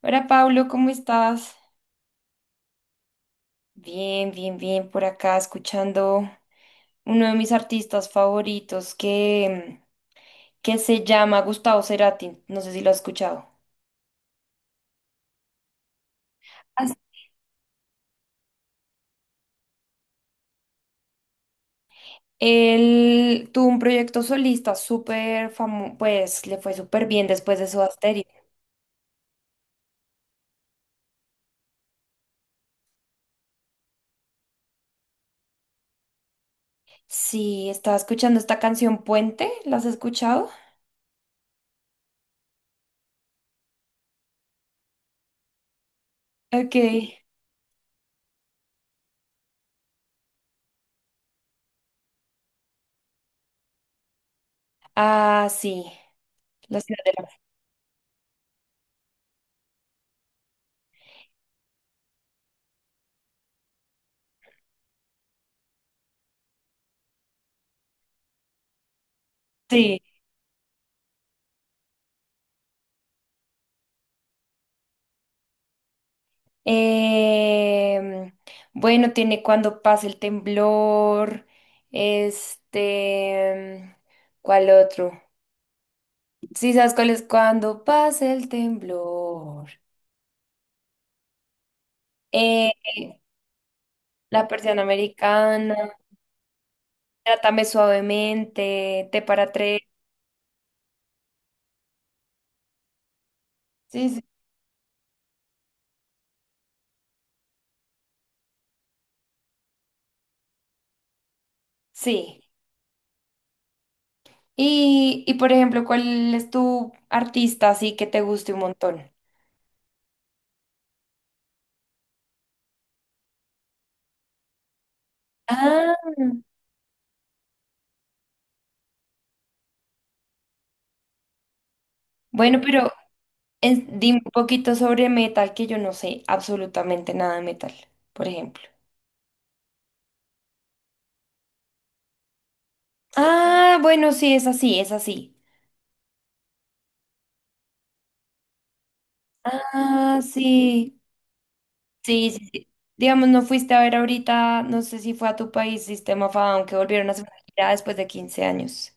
Hola Pablo, ¿cómo estás? Bien, bien, bien, por acá escuchando uno de mis artistas favoritos que se llama Gustavo Cerati, no sé si lo has escuchado. As- Él tuvo un proyecto solista súper famoso, pues le fue súper bien después de su Asterix. Sí, estaba escuchando esta canción Puente, ¿la has escuchado? Ok. Ah, sí, la ciudad de la... Sí. Em, bueno, tiene cuando pasa el temblor. Este, ¿cuál otro? Sí, ¿sabes cuál es? Cuando pasa el temblor. Eh, la persiana americana. Trátame suavemente. Te para tres. Sí, sí. Sí. Y por ejemplo, ¿cuál es tu artista así que te guste un montón? Ah, bueno, pero dime un poquito sobre metal, que yo no sé absolutamente nada de metal, por ejemplo. Ah, bueno, sí, es así, es así. Ah, sí. Sí, sí, sí. Digamos, no fuiste a ver ahorita, no sé si fue a tu país, Sistema of a Down, que volvieron a hacer una gira después de 15 años.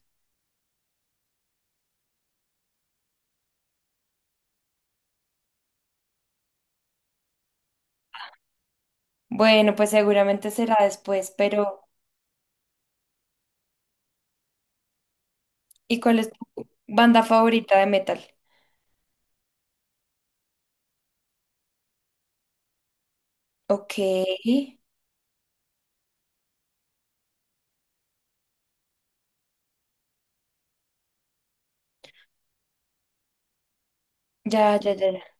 Bueno, pues seguramente será después, pero ¿y cuál es tu banda favorita de metal? Ok, ya, ya, ya, ya.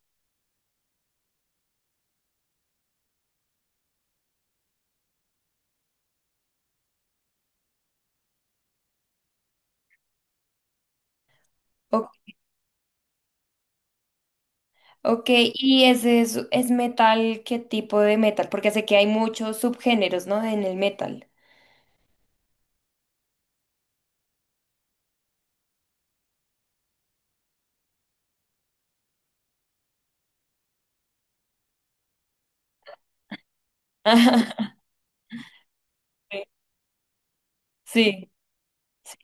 Ok. Ok, ¿y ese es metal? ¿Qué tipo de metal? Porque sé que hay muchos subgéneros, ¿no? En el metal. Ajá. Sí. Sí.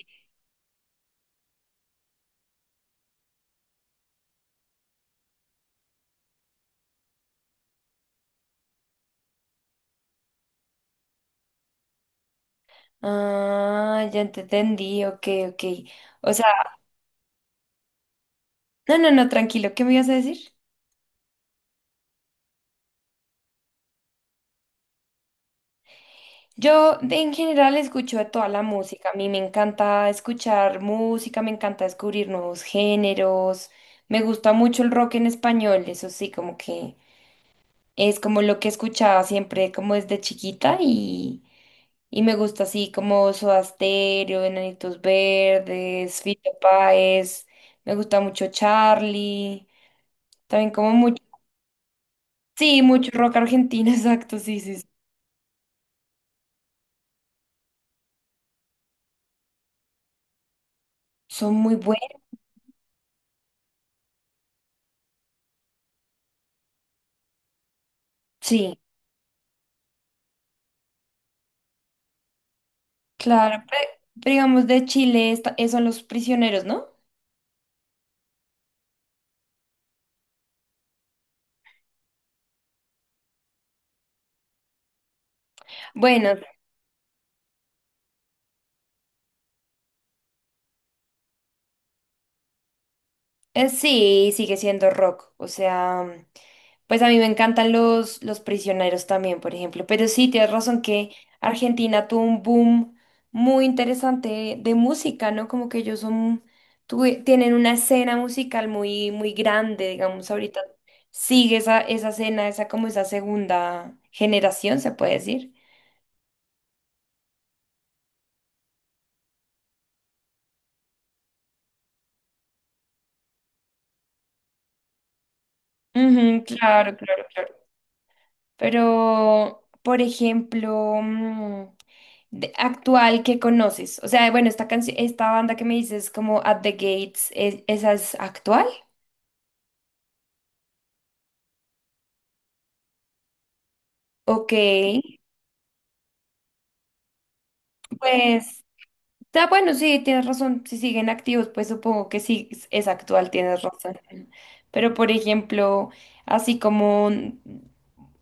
Ah, ya te entendí, ok, ok. O sea, no, no, no, tranquilo, ¿qué me ibas a decir? En general escucho de toda la música, a mí me encanta escuchar música, me encanta descubrir nuevos géneros, me gusta mucho el rock en español, eso sí, como que es como lo que escuchaba siempre como desde chiquita y... Y me gusta así como Soda Stereo, Enanitos Verdes, Fito Páez. Me gusta mucho Charlie. También como mucho. Sí, mucho rock argentino, exacto, sí, sí, sí. Son muy buenos. Sí, claro. Pero, digamos de Chile, son los prisioneros, ¿no? Bueno, eh, sí, sigue siendo rock. O sea, pues a mí me encantan los prisioneros también, por ejemplo. Pero sí, tienes razón que Argentina tuvo un boom muy interesante de música, ¿no? Como que ellos son, tienen una escena musical muy, muy grande, digamos, ahorita sigue esa, esa escena, esa como esa segunda generación, se puede decir. Ujú, claro, claro, claro. Pero, por ejemplo, actual que conoces? O sea, bueno, esta canción, esta banda que me dices como At the Gates, ¿esa es actual? Ok, pues, está bueno, sí, tienes razón. Si siguen activos, pues supongo que sí es actual, tienes razón. Pero, por ejemplo, así como,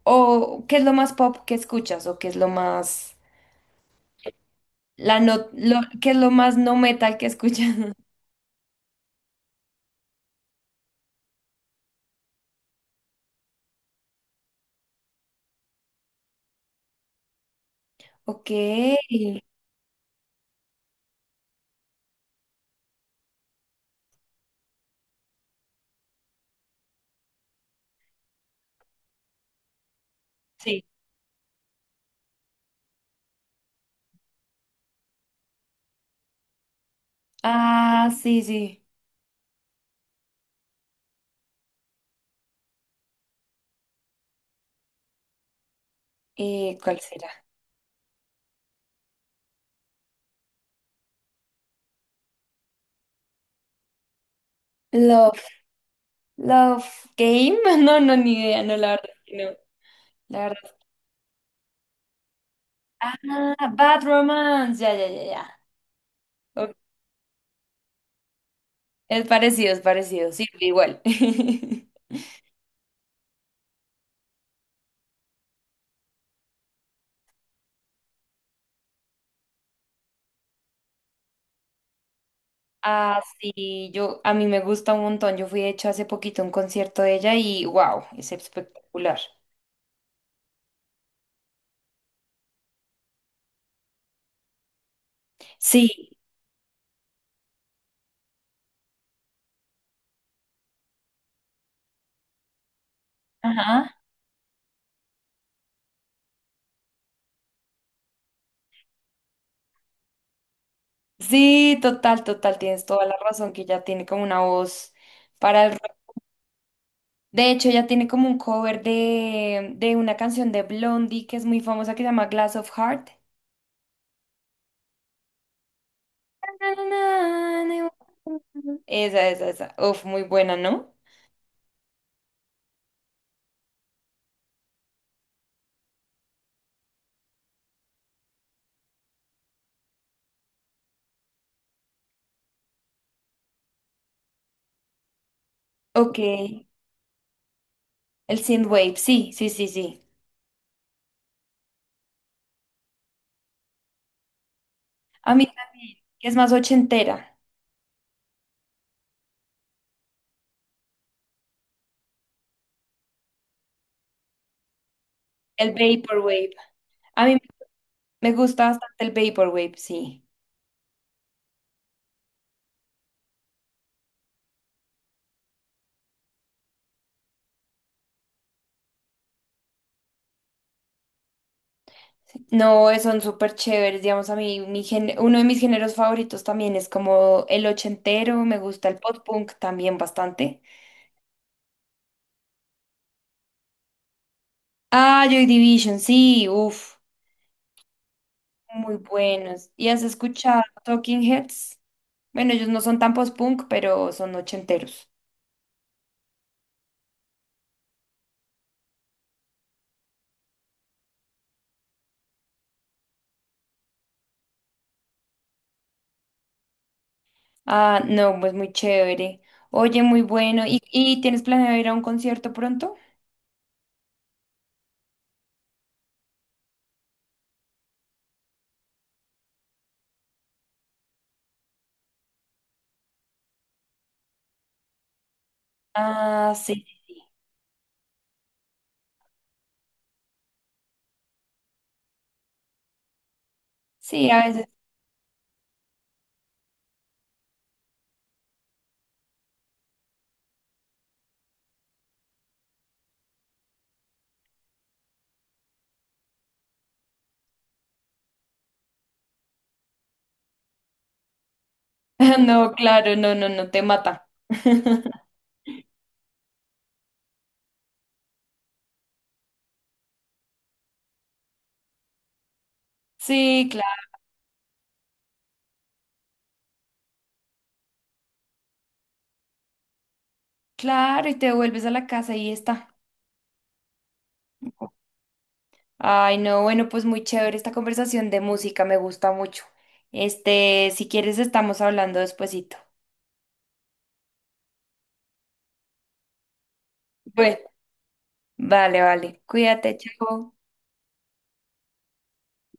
o ¿qué es lo más pop que escuchas? ¿O qué es lo más, la no, lo, qué es lo más no metal que escuchas? Ok. Sí. Ah, sí, sí. ¿Cuál será? Love Game. No, no, ni idea. No, la verdad que no. La verdad. Ah, Bad Romance. Ya, ya, ya, ya. Ok, es parecido, es parecido. Sí, igual. Ah, sí, yo, a mí me gusta un montón. Yo fui, de hecho, hace poquito a un concierto de ella y wow, es espectacular. Sí, ajá. Sí, total, total, tienes toda la razón que ella tiene como una voz para el rock. De hecho, ella tiene como un cover de una canción de Blondie que es muy famosa que se llama Glass of Heart. Esa, esa, esa. Uf, muy buena, ¿no? Ok. El synthwave, sí, sí, sí, sí. A mí también, que es más ochentera. El vaporwave. A mí me gusta bastante el vaporwave, sí. No, son súper chéveres, digamos, a mí uno de mis géneros favoritos también es como el ochentero, me gusta el pop punk también bastante. Ah, Joy Division, sí, uff, muy buenos. ¿Y has escuchado Talking Heads? Bueno, ellos no son tan post-punk, pero son ochenteros. Ah, no, pues muy chévere. Oye, muy bueno. Y tienes planeado ir a un concierto pronto? Ah, sí. Sí, a veces. No, claro, no, no, no, te mata. Sí, claro, claro, y te vuelves a la casa y está. Ay, no, bueno, pues muy chévere esta conversación de música, me gusta mucho. Este, si quieres, estamos hablando despuesito. Bueno, vale, vale. Cuídate, chao.